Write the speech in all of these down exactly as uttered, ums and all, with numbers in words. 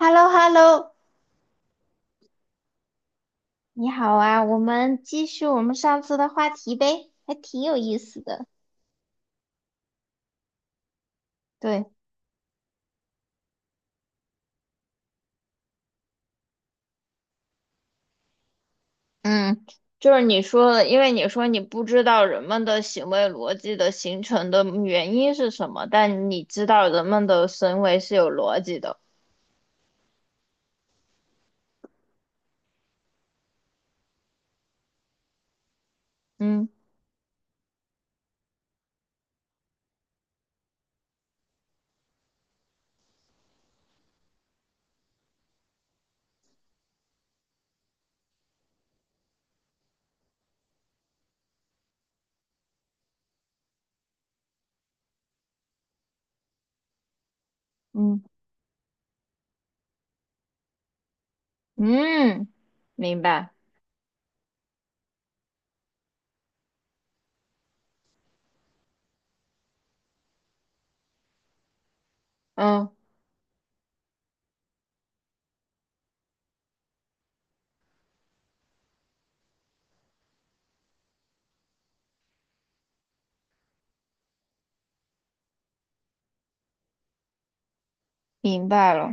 h e l l o h e l l o 你好啊，我们继续我们上次的话题呗，还挺有意思的。对，嗯，就是你说的，因为你说你不知道人们的行为逻辑的形成的原因是什么，但你知道人们的行为是有逻辑的。嗯嗯嗯，明白。嗯，明白了。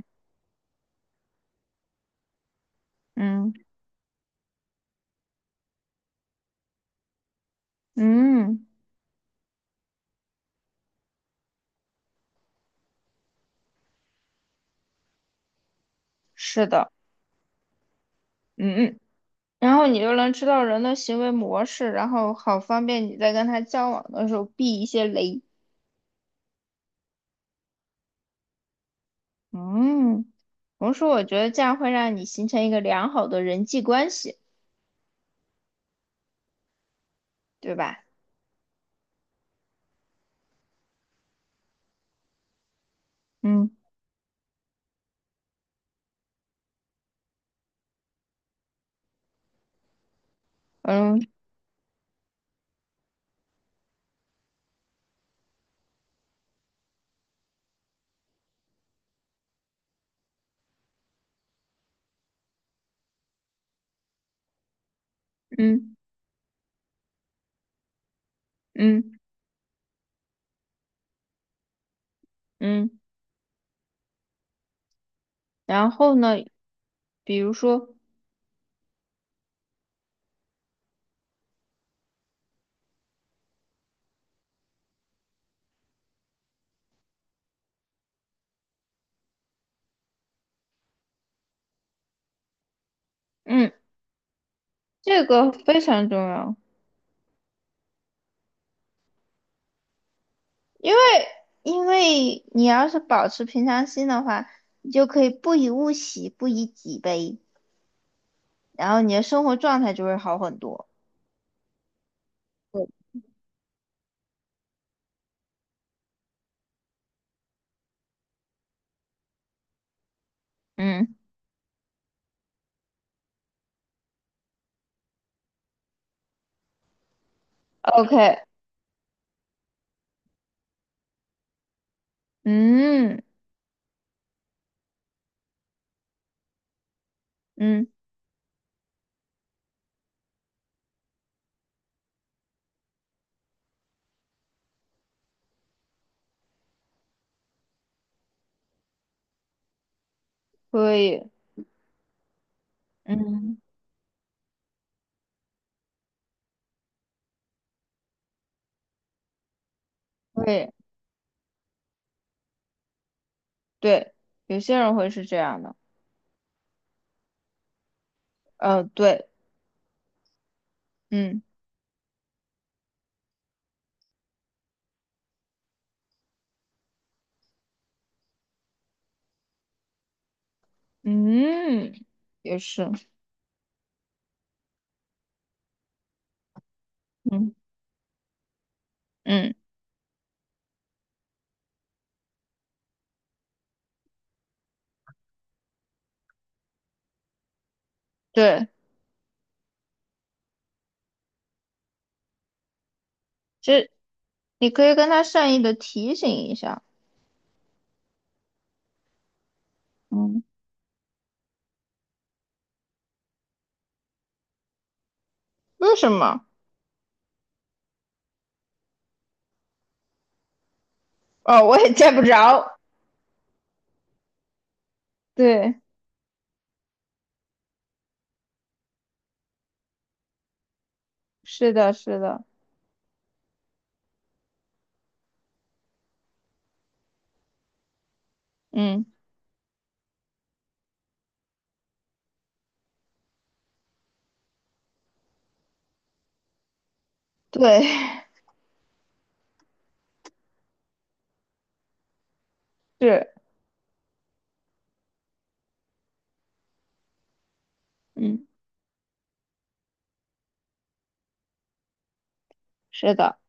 嗯嗯，是的。嗯嗯，然后你就能知道人的行为模式，然后好方便你在跟他交往的时候避一些雷。嗯，同时我觉得这样会让你形成一个良好的人际关系，对吧？嗯嗯嗯嗯嗯，然后呢，比如说，嗯，这个非常重要，因为因为你要是保持平常心的话，你就可以不以物喜，不以己悲，然后你的生活状态就会好很多。嗯，OK，嗯嗯，可以，嗯，可以，对，有些人会是这样的。呃，对，嗯嗯，也是，嗯嗯，对，这你可以跟他善意的提醒一下，嗯，为什么？哦，我也见不着，对，是的，是的，嗯，对，是，嗯，是的，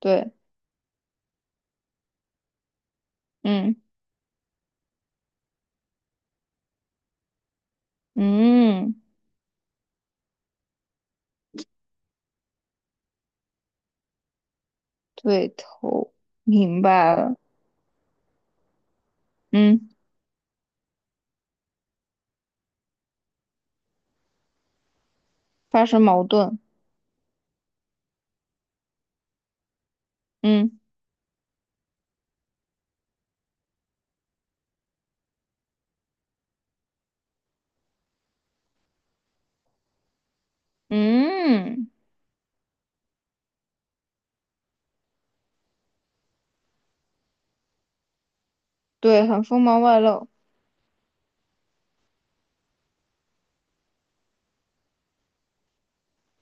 对，嗯嗯，对头，明白了，嗯，发生矛盾，嗯嗯，对，很锋芒外露，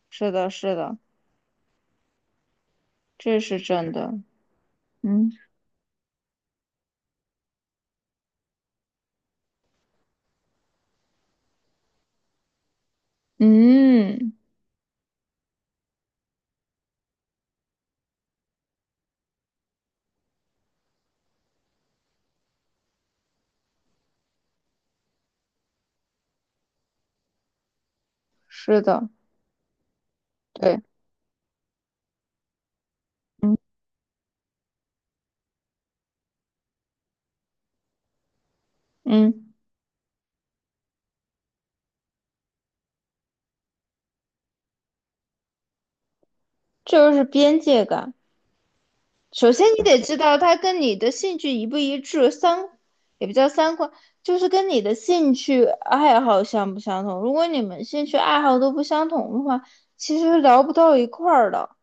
是的，是的，这是真的，嗯。嗯，是的，对，嗯嗯，这就是边界感。首先，你得知道他跟你的兴趣一不一致，三也不叫三观，就是跟你的兴趣爱好相不相同。如果你们兴趣爱好都不相同的话，其实聊不到一块儿的。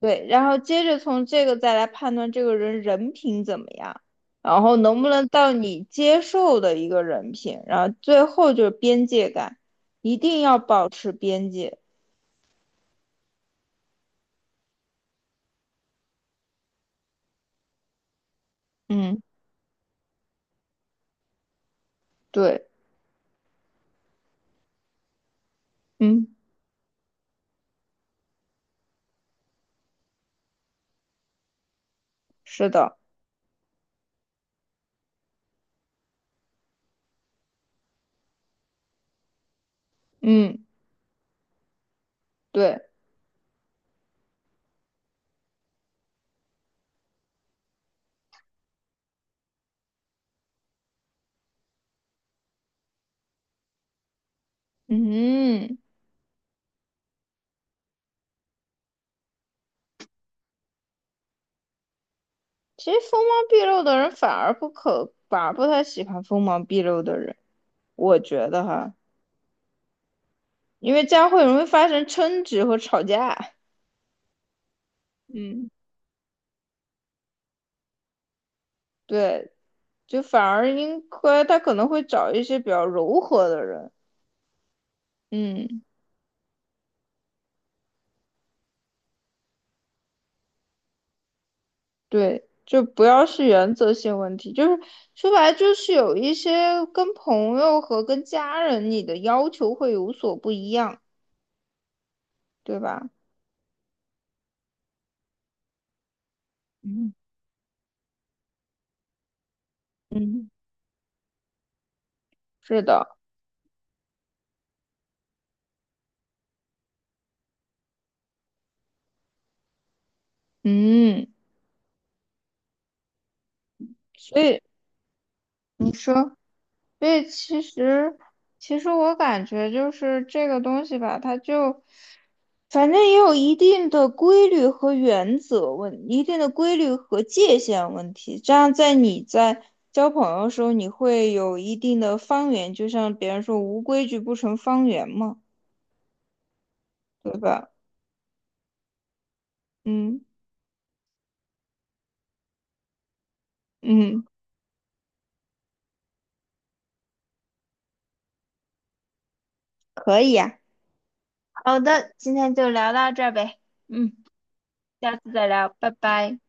对，然后接着从这个再来判断这个人人品怎么样，然后能不能到你接受的一个人品，然后最后就是边界感，一定要保持边界。嗯，对，嗯，是的，嗯，对，嗯，其实锋芒毕露的人反而不可，反而不太喜欢锋芒毕露的人，我觉得哈，因为这样会容易发生争执和吵架。嗯，对，就反而应该他可能会找一些比较柔和的人。嗯，对，就不要是原则性问题，就是说白了就是有一些跟朋友和跟家人你的要求会有所不一样，对吧？嗯嗯，是的，嗯，所以你说，所以其实，其实我感觉就是这个东西吧，它就，反正也有一定的规律和原则问，一定的规律和界限问题。这样在你在交朋友的时候，你会有一定的方圆，就像别人说“无规矩不成方圆”嘛，对吧？嗯嗯，可以呀。好的，今天就聊到这儿呗。嗯，下次再聊，拜拜。